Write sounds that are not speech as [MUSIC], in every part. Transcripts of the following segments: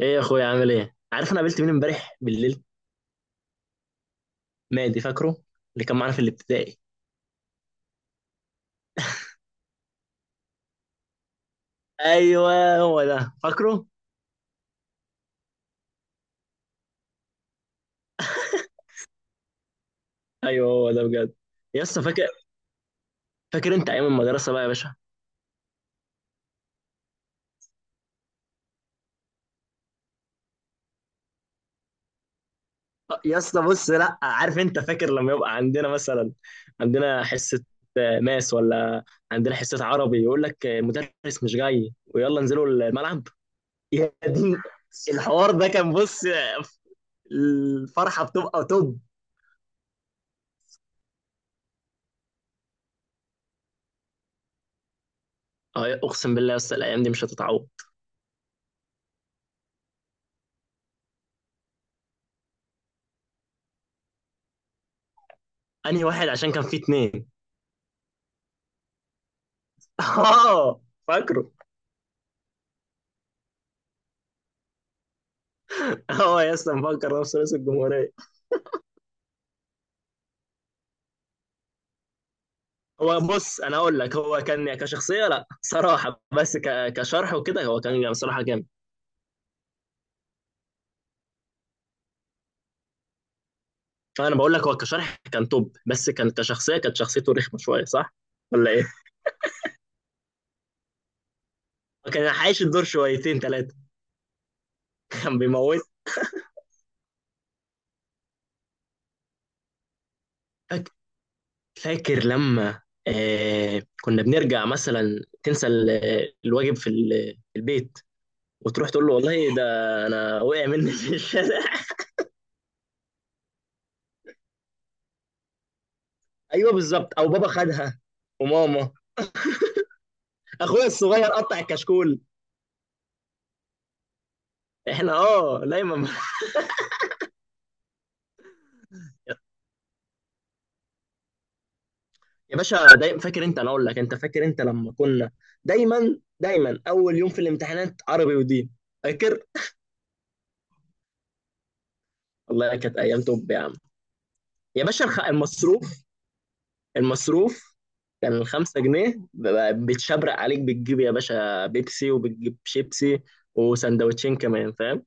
ايه يا اخويا عامل ايه؟ عارف انا قابلت مين امبارح بالليل؟ مادي، فاكره؟ اللي كان معانا في الابتدائي. ايوه هو ده، فاكره. ايوه هو ده بجد. يا اسطى فاكر، فاكر انت ايام المدرسه بقى يا باشا؟ يا اسطى بص، لا عارف انت فاكر لما يبقى عندنا مثلا عندنا حصه ماس، ولا عندنا حصه عربي، يقول لك المدرس مش جاي ويلا انزلوا الملعب. يا دين، الحوار ده كان بص، الفرحه بتبقى توب. اقسم بالله يا اسطى الايام دي مش هتتعوض. انهي واحد؟ عشان كان في اثنين. [LAUGHS] اه فاكره. هو يا اسطى مفكر نفسه رئيس الجمهوريه. هو بص، انا اقول لك، هو كان يعني كشخصيه لا صراحه، بس كشرح وكده هو كان جامد، صراحه جامد. فانا بقول لك، هو كشرح كان توب، بس كان كشخصيه كانت شخصيته رخمه شويه، صح؟ ولا ايه؟ كان عايش الدور شويتين ثلاثه. [LAUGHS] كان بيموت. فاك- فاكر لما آه كنا بنرجع مثلا تنسى الواجب في في البيت، وتروح تقول له، والله ده انا وقع مني في الشارع. ايوه بالظبط، او بابا خدها وماما، اخويا الصغير قطع الكشكول. احنا اه دايما. يا باشا دايما، فاكر انت؟ انا اقول لك، انت فاكر انت لما كنا دايما دايما اول يوم في الامتحانات عربي ودين؟ فاكر؟ والله كانت ايام توب يا عم. يا باشا المصروف، المصروف. كان الخمسة جنيه بتشبرق عليك، بتجيب يا باشا بيبسي وبتجيب شيبسي وسندوتشين كمان، فاهم؟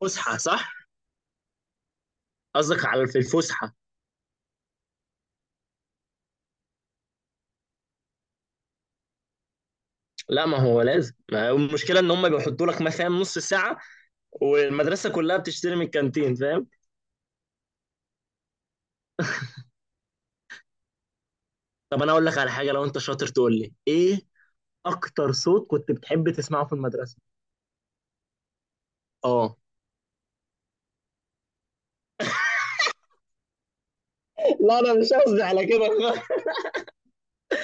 فسحة صح، قصدك على في الفسحة. لا، ما هو لازم، ما هو المشكله ان هم بيحطوا لك مثلا نص ساعه، والمدرسه كلها بتشتري من الكانتين، فاهم. طب انا اقول لك على حاجه، لو انت شاطر تقول لي ايه اكتر صوت كنت بتحب تسمعه في المدرسه؟ اه. لا انا مش قصدي على كده خالص.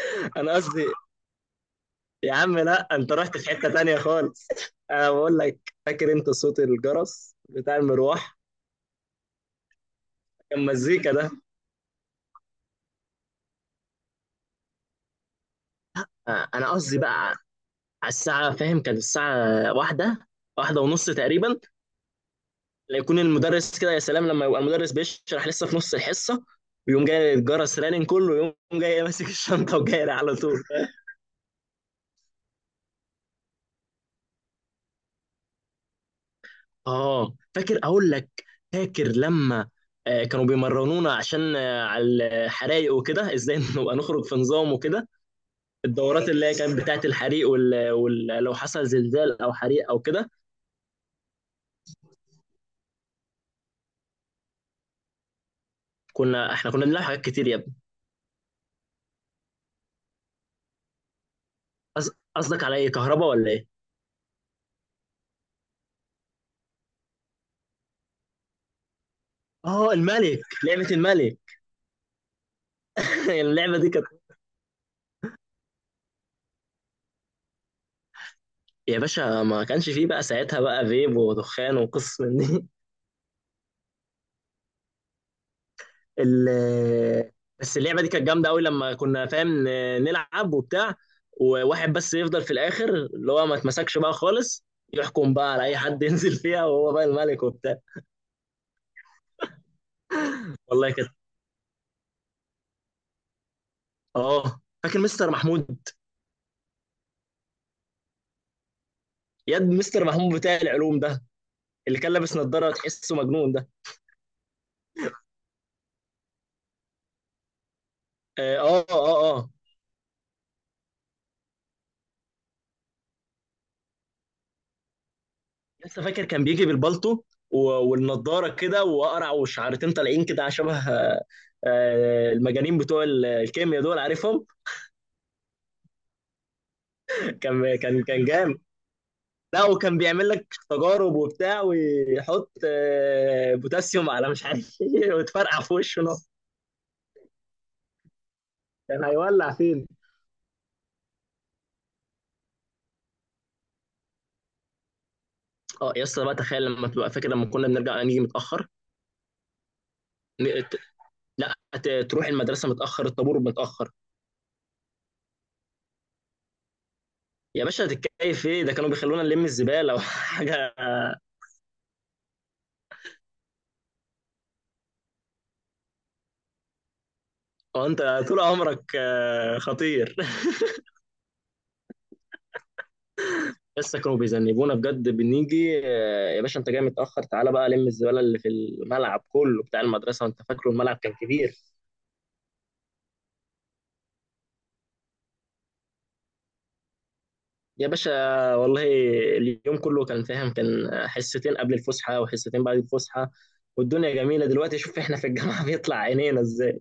[LAUGHS] انا قصدي يا عم، لا انت رحت في حته تانية خالص. انا بقول لك، فاكر انت صوت الجرس بتاع المروح؟ كان مزيكا ده. انا قصدي بقى على الساعه، فاهم؟ كانت الساعه واحدة، واحدة ونص تقريبا، يكون المدرس كده. يا سلام لما يبقى المدرس بيشرح لسه في نص الحصه، ويقوم جاي الجرس رانن، كله يقوم جاي [LAUGHS] ماسك الشنطه وجاي على طول. اه فاكر، اقول لك، فاكر لما كانوا بيمرنونا عشان على الحرايق وكده، ازاي [LAUGHS] نبقى نخرج في نظام وكده؟ الدورات اللي هي كانت بتاعت الحريق لو حصل زلزال او حريق او كده. كنا احنا كنا بنلعب حاجات كتير يا ابني. قصدك على ايه، كهرباء ولا ايه؟ اه الملك، لعبة الملك. [LAUGHS] اللعبة دي كانت. يا باشا، ما كانش فيه بقى ساعتها بقى فيب ودخان وقصص من دي. [LAUGHS] ال- بس اللعبه دي كانت جامده قوي، لما كنا فاهم نلعب وبتاع، وواحد بس يفضل في الاخر اللي هو ما اتمسكش بقى خالص، يحكم بقى على اي حد [LAUGHS] ينزل فيها، وهو بقى الملك وبتاع. والله كده. اه فاكر مستر محمود. ياد مستر محمود بتاع العلوم ده، اللي كان لابس نظاره تحسه مجنون ده. اه اه، آه. لسه فاكر، كان بيجي بالبالطو و- والنضاره كده، وقرع وشعرتين طالعين كده، على شبه المجانين بتوع الكيمياء دول، عارفهم. [LAUGHS] كان جامد. لا وكان بيعمل لك تجارب وبتاع، ويحط بوتاسيوم على مش عارف ايه، [LAUGHS] وتفرقع في وشه نص. كان هيولع فين. اه يا اسطى بقى، تخيل لما تبقى فاكر لما كنا بنرجع نيجي متاخر. ن- ت- لا، تروح المدرسه متاخر، الطابور متاخر. يا باشا هتتكيف ايه؟ ده كانوا بيخلونا نلم الزباله [LAUGHS] وحاجه. اه، انت طول عمرك خطير. [LAUGHS] لسه كانوا بيذنبونا بجد، بنيجي يا باشا انت جاي متاخر، تعالى بقى لم الزباله اللي في الملعب كله بتاع المدرسه، وانت فاكره الملعب كان كبير. يا باشا والله، اليوم كله كان فاهم، كان حصتين قبل الفسحه وحصتين بعد الفسحه، والدنيا جميله. دلوقتي شوف احنا في الجامعه [LAUGHS] بيطلع عينينا ازاي.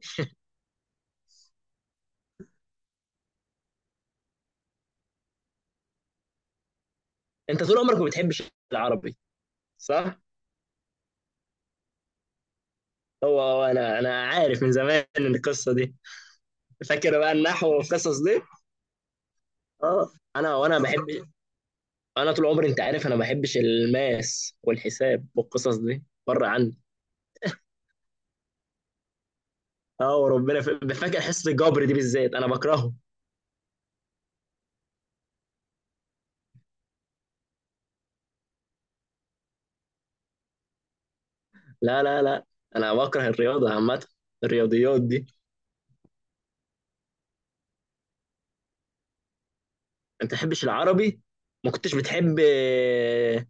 انت طول عمرك ما بتحبش العربي، صح؟ هو انا عارف من زمان ان القصه دي. فاكر بقى النحو والقصص دي؟ اه انا وانا بحب. انا طول عمري انت عارف، انا ما بحبش الماس والحساب والقصص دي، بره عني. اه وربنا، فاكر حصه الجبر دي بالذات انا بكرهه. لا لا لا، انا بكره الرياضه عامه، الرياضيات دي. انت تحبش العربي، ما كنتش بتحب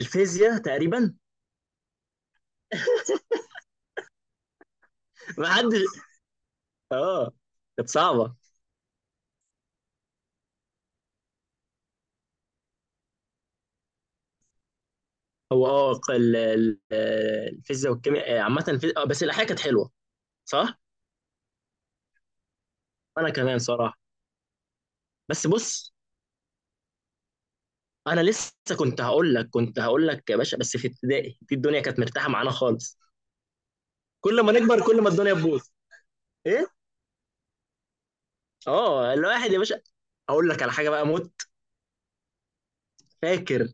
الفيزياء تقريبا. ما حدش. [LAUGHS] اه كانت صعبه. هو اه، الفيزياء والكيمياء عامه، الفي... آه، بس الاحياء كانت حلوه، صح. انا كمان صراحه. بس بص، انا لسه كنت هقول لك، كنت هقول لك يا باشا، بس في ابتدائي دي الدنيا كانت مرتاحه معانا خالص. كل ما نكبر، كل ما الدنيا تبوظ. ايه. اه الواحد يا باشا، اقول لك على حاجه بقى موت. فاكر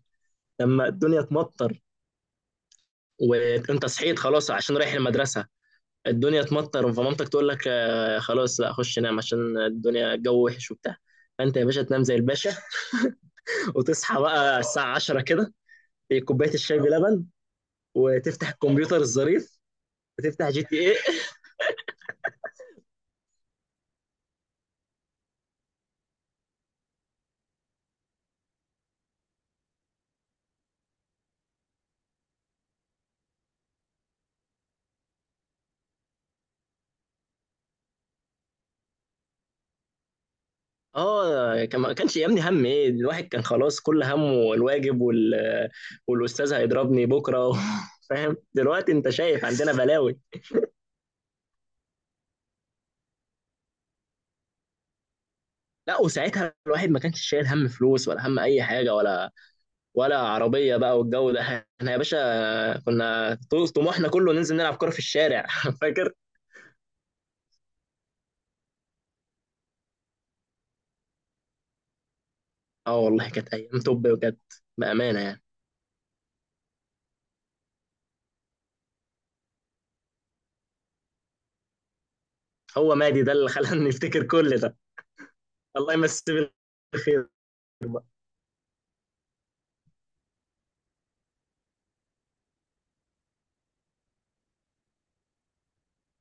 لما الدنيا تمطر، وانت صحيت خلاص عشان رايح المدرسه، الدنيا تمطر، فمامتك تقول لك، خلاص لا، خش نام عشان الدنيا الجو وحش وبتاع. فانت يا باشا تنام زي الباشا، وتصحى بقى الساعه 10 كده، كوبايه الشاي بلبن، وتفتح الكمبيوتر الظريف، وتفتح جي تي إيه. اه كان ما كانش يهمني هم ايه، الواحد كان خلاص كل همه الواجب والاستاذ هيضربني بكره [LAUGHS] فاهم؟ دلوقتي انت شايف عندنا بلاوي. لا وساعتها الواحد ما كانش شايل هم فلوس، ولا هم اي حاجه، ولا ولا عربيه بقى والجو ده. احنا يا باشا كنا طموحنا كله ننزل نلعب كوره في الشارع، [LAUGHS] فاكر؟ اه والله كانت ايام توب بجد، بامانه يعني. هو مادي ده اللي خلاني [LAUGHS] افتكر كل ده. الله يمسيه بالخير.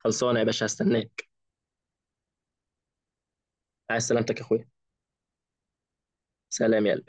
خلصانه يا باشا، هستناك. عايز سلامتك يا اخويا. سلام، يلا.